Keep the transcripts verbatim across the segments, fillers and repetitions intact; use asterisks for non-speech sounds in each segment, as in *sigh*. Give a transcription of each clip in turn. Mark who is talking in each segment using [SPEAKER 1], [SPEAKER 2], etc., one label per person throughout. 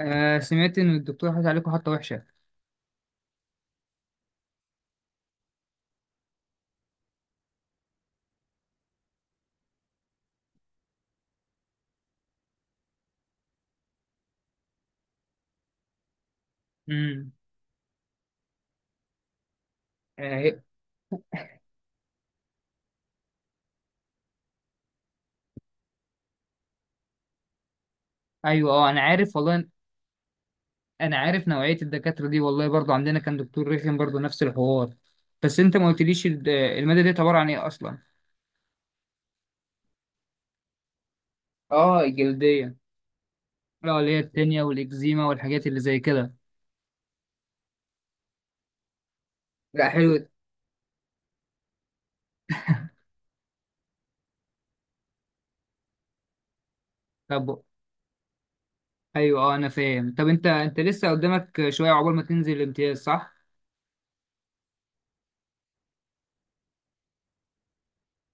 [SPEAKER 1] آه سمعت ان الدكتور حاطط عليكم حطه وحشه. امم. آه، إيه. ايوه، اه انا عارف والله. انا عارف نوعيه الدكاتره دي والله، برضو عندنا كان دكتور رخم برضو نفس الحوار. بس انت ما قلتليش ال- الماده دي عباره عن ايه اصلا. اه، الجلديه. لا، اللي هي التانية والاكزيما والحاجات اللي زي كده. لا حلو. طب. ايوه، اه انا فاهم. طب انت انت لسه قدامك شويه عقبال ما تنزل الامتياز، صح؟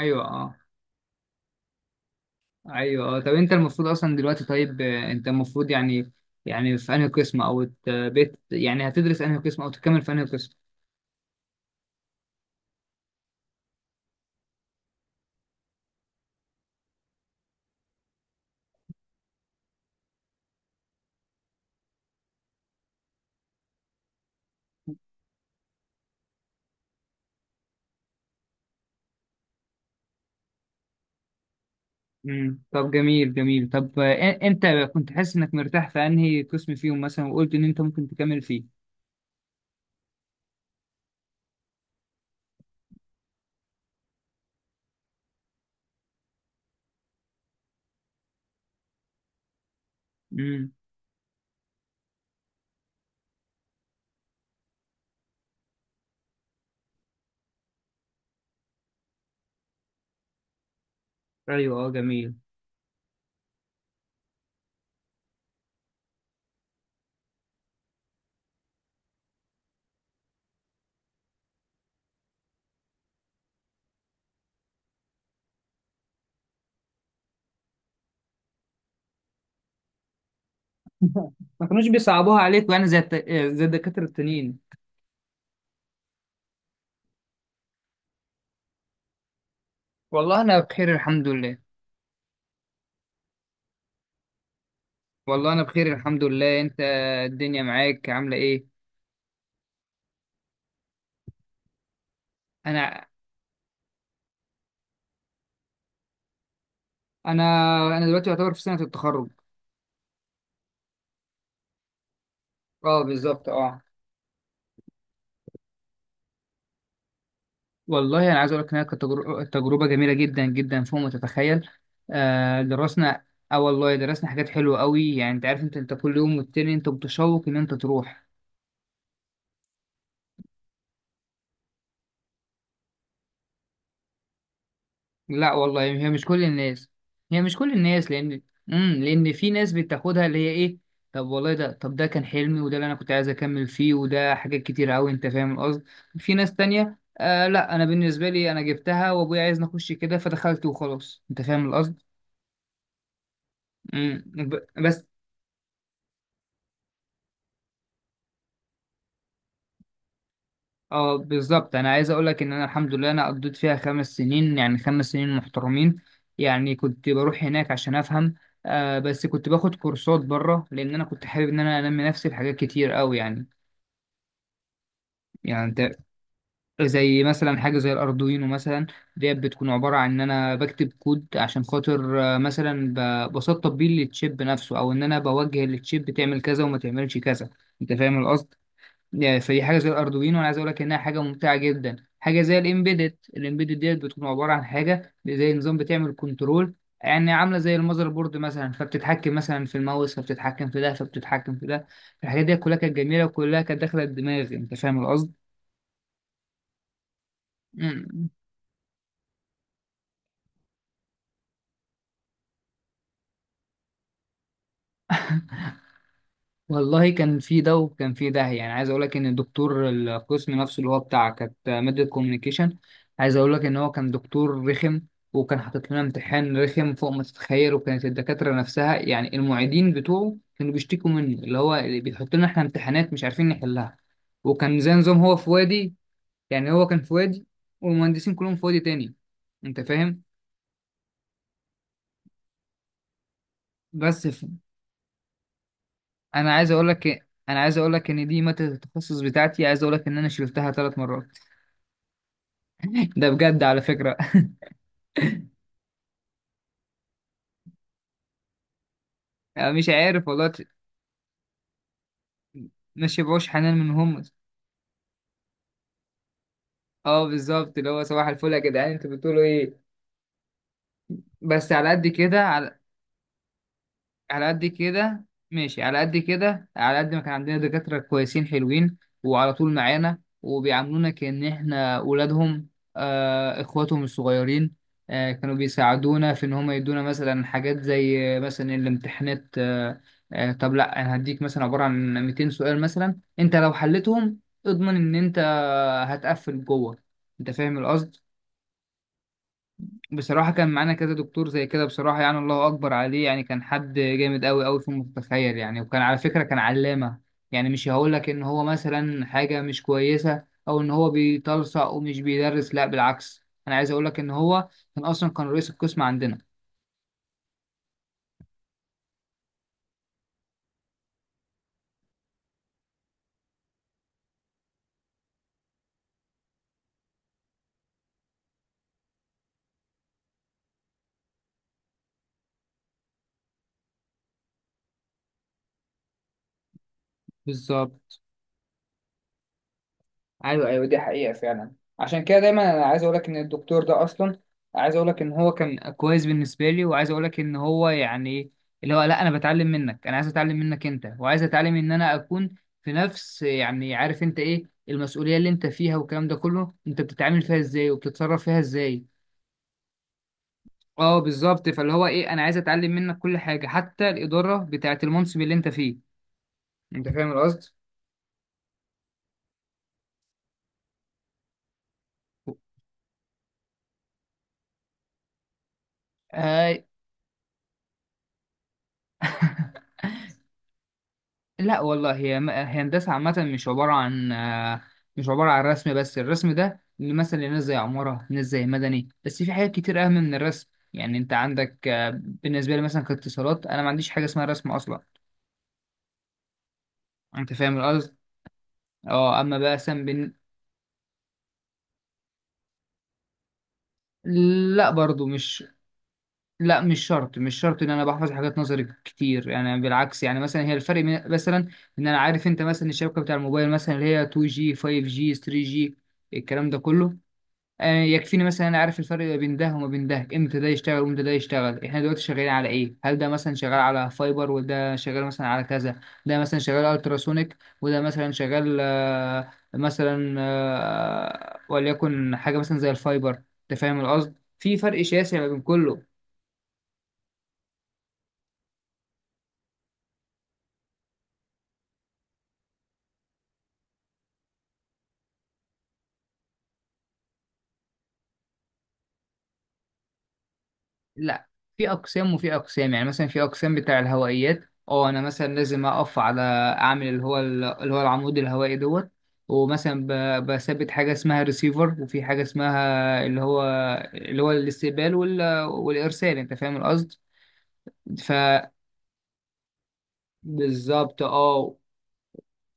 [SPEAKER 1] ايوه اه. ايوه، آه. طب انت المفروض اصلا دلوقتي، طيب، آه، انت المفروض يعني، يعني في انهي قسم او ت- بت يعني هتدرس انهي قسم او تكمل في انهي قسم. امم. طب جميل جميل. طب، آه، إن- انت كنت حاسس انك مرتاح في انهي قسم فيهم مثلا، وقلت ان انت ممكن تكمل فيه. امم. ايوه اه جميل. ما كانوش بيصعبوها عليك يعني زي الت... آه، زي الدكاترة التانيين. والله انا بخير الحمد لله. والله انا بخير الحمد لله، انت؟ الدنيا معاك عاملة ايه؟ انا انا انا دلوقتي يعتبر في سنة التخرج. اه بالظبط اه. والله انا عايز اقول لك انها كانت تجر- تجربه جميله جدا جدا فوق ما تتخيل. آه درسنا. اه والله درسنا حاجات حلوه قوي يعني. انت عارف، انت انت كل يوم والتاني انت متشوق ان انت تروح. لا والله، هي مش كل الناس. هي مش كل الناس لان، امم، لان في ناس بتاخدها اللي هي ايه. طب والله ده، طب ده كان حلمي، وده اللي انا كنت عايز اكمل فيه، وده حاجات كتير قوي انت فاهم القصد. في ناس تانية آه. لا، انا بالنسبه لي انا جبتها وابويا عايز نخش كده، فدخلت وخلاص، انت فاهم القصد. مم. ب- بس. اه بالظبط. انا عايز اقول لك ان انا الحمد لله انا قضيت فيها خمس سنين، يعني خمس سنين محترمين. يعني كنت بروح هناك عشان افهم. آه بس كنت باخد كورسات بره، لان انا كنت حابب ان انا انمي نفسي في حاجات كتير قوي يعني. يعني انت، زي مثلا حاجه زي الاردوينو مثلا. ديت بتكون عباره عن ان انا بكتب كود عشان خاطر، آه، مثلا، ب- بسطب بيه للتشيب نفسه، او ان انا بوجه للتشيب تعمل كذا وما تعملش كذا، انت فاهم القصد. يعني فدي حاجه زي الاردوينو، انا عايز اقول لك انها حاجه ممتعه جدا. حاجه زي الامبيدد. الامبيدد ديت بتكون عباره عن حاجه زي نظام بتعمل كنترول، يعني عامله زي المذر بورد مثلا، فبتتحكم مثلا في الماوس، فبتتحكم في ده، فبتتحكم في ده. الحاجات دي كلها كانت جميله، وكلها كانت داخله الدماغ، انت فاهم القصد؟ *laughs* والله كان في ده وكان في ده. يعني عايز اقول لك ان الدكتور القسم نفسه اللي هو بتاع، كانت ماده كوميونيكيشن. عايز اقول لك ان هو كان دكتور رخم، وكان حاطط لنا امتحان رخم فوق ما تتخيل. وكانت الدكاتره نفسها، يعني المعيدين بتوعه، كانوا بيشتكوا منه. اللي هو اللي بيحط لنا احنا امتحانات مش عارفين نحلها. وكان زي نظام هو في وادي، يعني هو كان في وادي، والمهندسين كلهم في وادي تاني، انت فاهم. بس ف... انا عايز اقول لك إيه، انا عايز اقول لك ان دي ماده التخصص بتاعتي. عايز اقول لك ان انا شلتها ثلاث مرات. ده بجد على فكرة. *laughs* أنا مش عارف والله ت- ما شبعوش حنان من هم. اه بالظبط، اللي هو صباح الفل يا جدعان انتوا بتقولوا ايه. بس على قد كده، على على قد كده ماشي. على قد كده على قد ما كان عندنا دكاترة كويسين حلوين، وعلى طول معانا وبيعاملونا كأن احنا أولادهم، آه، إخواتهم الصغيرين. آه كانوا بيساعدونا في إن هم يدونا مثلا حاجات زي، آه، مثلا الامتحانات، آه. آه طب لأ، أنا هديك مثلا عبارة عن 200 سؤال مثلا، أنت لو حلتهم اضمن إن أنت هتقفل جوه، أنت فاهم القصد. بصراحة كان معانا كذا دكتور زي كده. بصراحة يعني الله أكبر عليه، يعني كان حد جامد أوي أوي فوق ما تتخيل يعني، وكان على فكرة كان علامة. يعني مش هقولك إن هو مثلا حاجة مش كويسة أو إن هو بيتلصق ومش بيدرس. لا بالعكس، أنا عايز أقولك إن هو كان أصلا كان رئيس القسم عندنا. بالظبط. ايوه ايوه، دي حقيقة فعلا. عشان كده دايما انا عايز اقول لك ان الدكتور ده اصلا، عايز اقول لك ان هو كان كويس بالنسبة لي. وعايز اقول لك ان هو يعني، اللي هو لا، انا بتعلم منك. انا عايز اتعلم منك انت، وعايز اتعلم ان انا اكون في نفس، يعني عارف انت ايه المسؤولية اللي انت فيها والكلام ده كله، انت بتتعامل فيها ازاي وبتتصرف فيها ازاي. اه بالظبط، فاللي هو ايه، انا عايز اتعلم منك كل حاجة حتى الإدارة بتاعة المنصب اللي انت فيه، انت فاهم القصد؟ آه. *laughs* لا والله، هي م- هي هندسة عامة. مش عبارة عن، آه، مش عبارة عن رسم بس. الرسم ده مثلا لناس زي عمارة، ناس زي مدني. بس في حاجات كتير أهم من الرسم يعني. أنت عندك، آه، بالنسبة لي مثلا كاتصالات، أنا ما عنديش حاجة اسمها رسم أصلا، أنت فاهم القصد؟ أه. أما بقى سام بن... لا برضو مش. لا مش شرط مش شرط ان انا بحفظ حاجات نظري كتير يعني. بالعكس، يعني مثلا هي الفرق بين- مثلا، ان انا عارف، انت مثلا الشبكه بتاع الموبايل مثلا اللي هي تو جي فايف جي ثري جي الكلام ده كله، آه، يكفيني مثلا انا عارف الفرق ما بين ده وما بين ده، امتى ده يشتغل وامتى ده يشتغل، احنا دلوقتي شغالين على ايه، هل ده مثلا شغال على فايبر وده شغال مثلا على كذا، ده مثلا شغال التراسونيك، وده مثلا شغال، آه، مثلا آه، وليكن حاجه مثلا زي الفايبر، انت فاهم القصد، في فرق شاسع ما بين كله. لا، في اقسام وفي اقسام. يعني مثلا في اقسام بتاع الهوائيات. اه انا مثلا لازم اقف على، اعمل اللي هو اللي هو العمود الهوائي دوت. ومثلا ب- بثبت حاجه اسمها ريسيفر. وفي حاجه اسمها اللي هو اللي هو الاستقبال وال... والارسال، انت فاهم القصد. ف، بالظبط اه.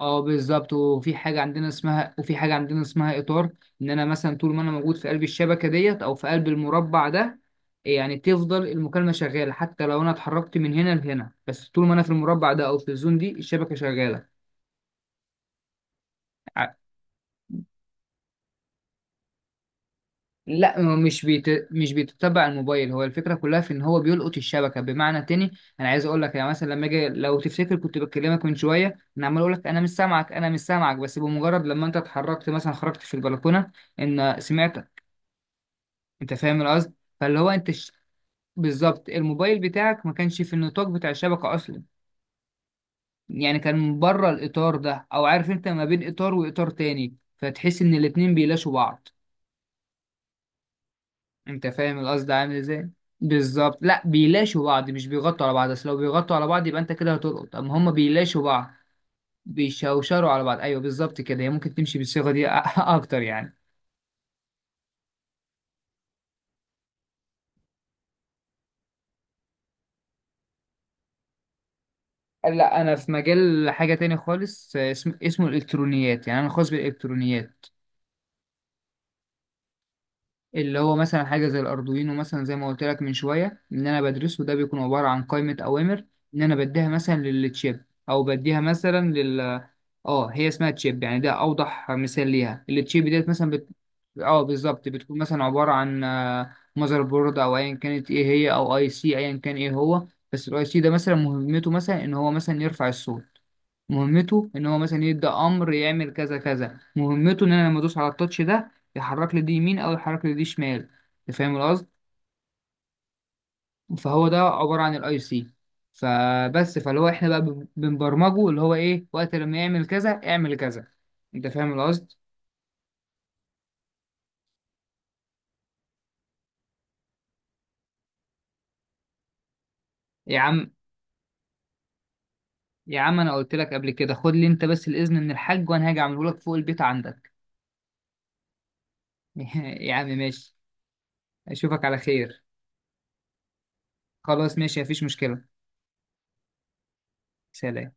[SPEAKER 1] اه بالظبط. وفي حاجه عندنا اسمها، وفي حاجه عندنا اسمها اطار. ان انا مثلا طول ما انا موجود في قلب الشبكه ديت او في قلب المربع ده، يعني تفضل المكالمه شغاله حتى لو انا اتحركت من هنا لهنا. بس طول ما انا في المربع ده او في الزون دي الشبكه شغاله. ع- لا، هو مش بيت... مش بيتتبع الموبايل. هو الفكره كلها في ان هو بيلقط الشبكه. بمعنى تاني، انا عايز اقول لك، يعني مثلا لما اجي، لو تفتكر كنت بكلمك من شويه انا عمال اقول لك انا مش سامعك انا مش سامعك، بس بمجرد لما انت اتحركت مثلا خرجت في البلكونه، ان سمعت، انت فاهم القصد. فاللي هو انت ش... بالظبط، الموبايل بتاعك ما كانش في النطاق بتاع الشبكة اصلا. يعني كان من بره الاطار ده، او عارف انت ما بين اطار واطار تاني فتحس ان الاتنين بيلاشوا بعض، انت فاهم القصد عامل ازاي. بالظبط. لا، بيلاشوا بعض، مش بيغطوا على بعض. اصل لو بيغطوا على بعض يبقى انت كده هتلقط، اما هما بيلاشوا بعض. بيشوشروا على بعض، ايوه بالظبط كده، هي ممكن تمشي بالصيغة دي *laughs* اكتر يعني. لا، انا في مجال حاجة تاني خالص، آه، اسم... اسمه الالكترونيات. يعني انا خاص بالالكترونيات. اللي هو مثلا حاجة زي الأردوينو مثلا، زي ما قلت لك من شوية، إن أنا بدرسه، ده بيكون عبارة عن قائمة أوامر إن أنا بديها مثلا للتشيب، أو بديها مثلا لل آه هي اسمها تشيب يعني. ده أوضح مثال ليها. التشيب ديت مثلا بت... آه بالظبط بتكون مثلا عبارة عن ماذر بورد، أو أيا كانت إيه هي، أو أي سي أيا كان إيه هو. بس الأي سي ده مثلا مهمته مثلا إن هو مثلا يرفع الصوت. مهمته ان هو مثلا يبدا امر يعمل كذا كذا. مهمته ان انا لما ادوس على التاتش ده يحرك لي دي يمين او يحرك لي دي شمال، انت فاهم القصد. فهو ده عباره عن الاي سي. فبس، فاللي هو احنا بقى بن- بنبرمجه اللي هو ايه وقت لما يعمل كذا اعمل كذا، انت فاهم القصد. يا عم، يا عم انا قلت لك قبل كده، خد لي انت بس الاذن من الحاج وانا هاجي اعمله لك فوق البيت عندك. *laughs* يا عم ماشي. اشوفك على خير. خلاص ماشي مفيش مشكله. سلام.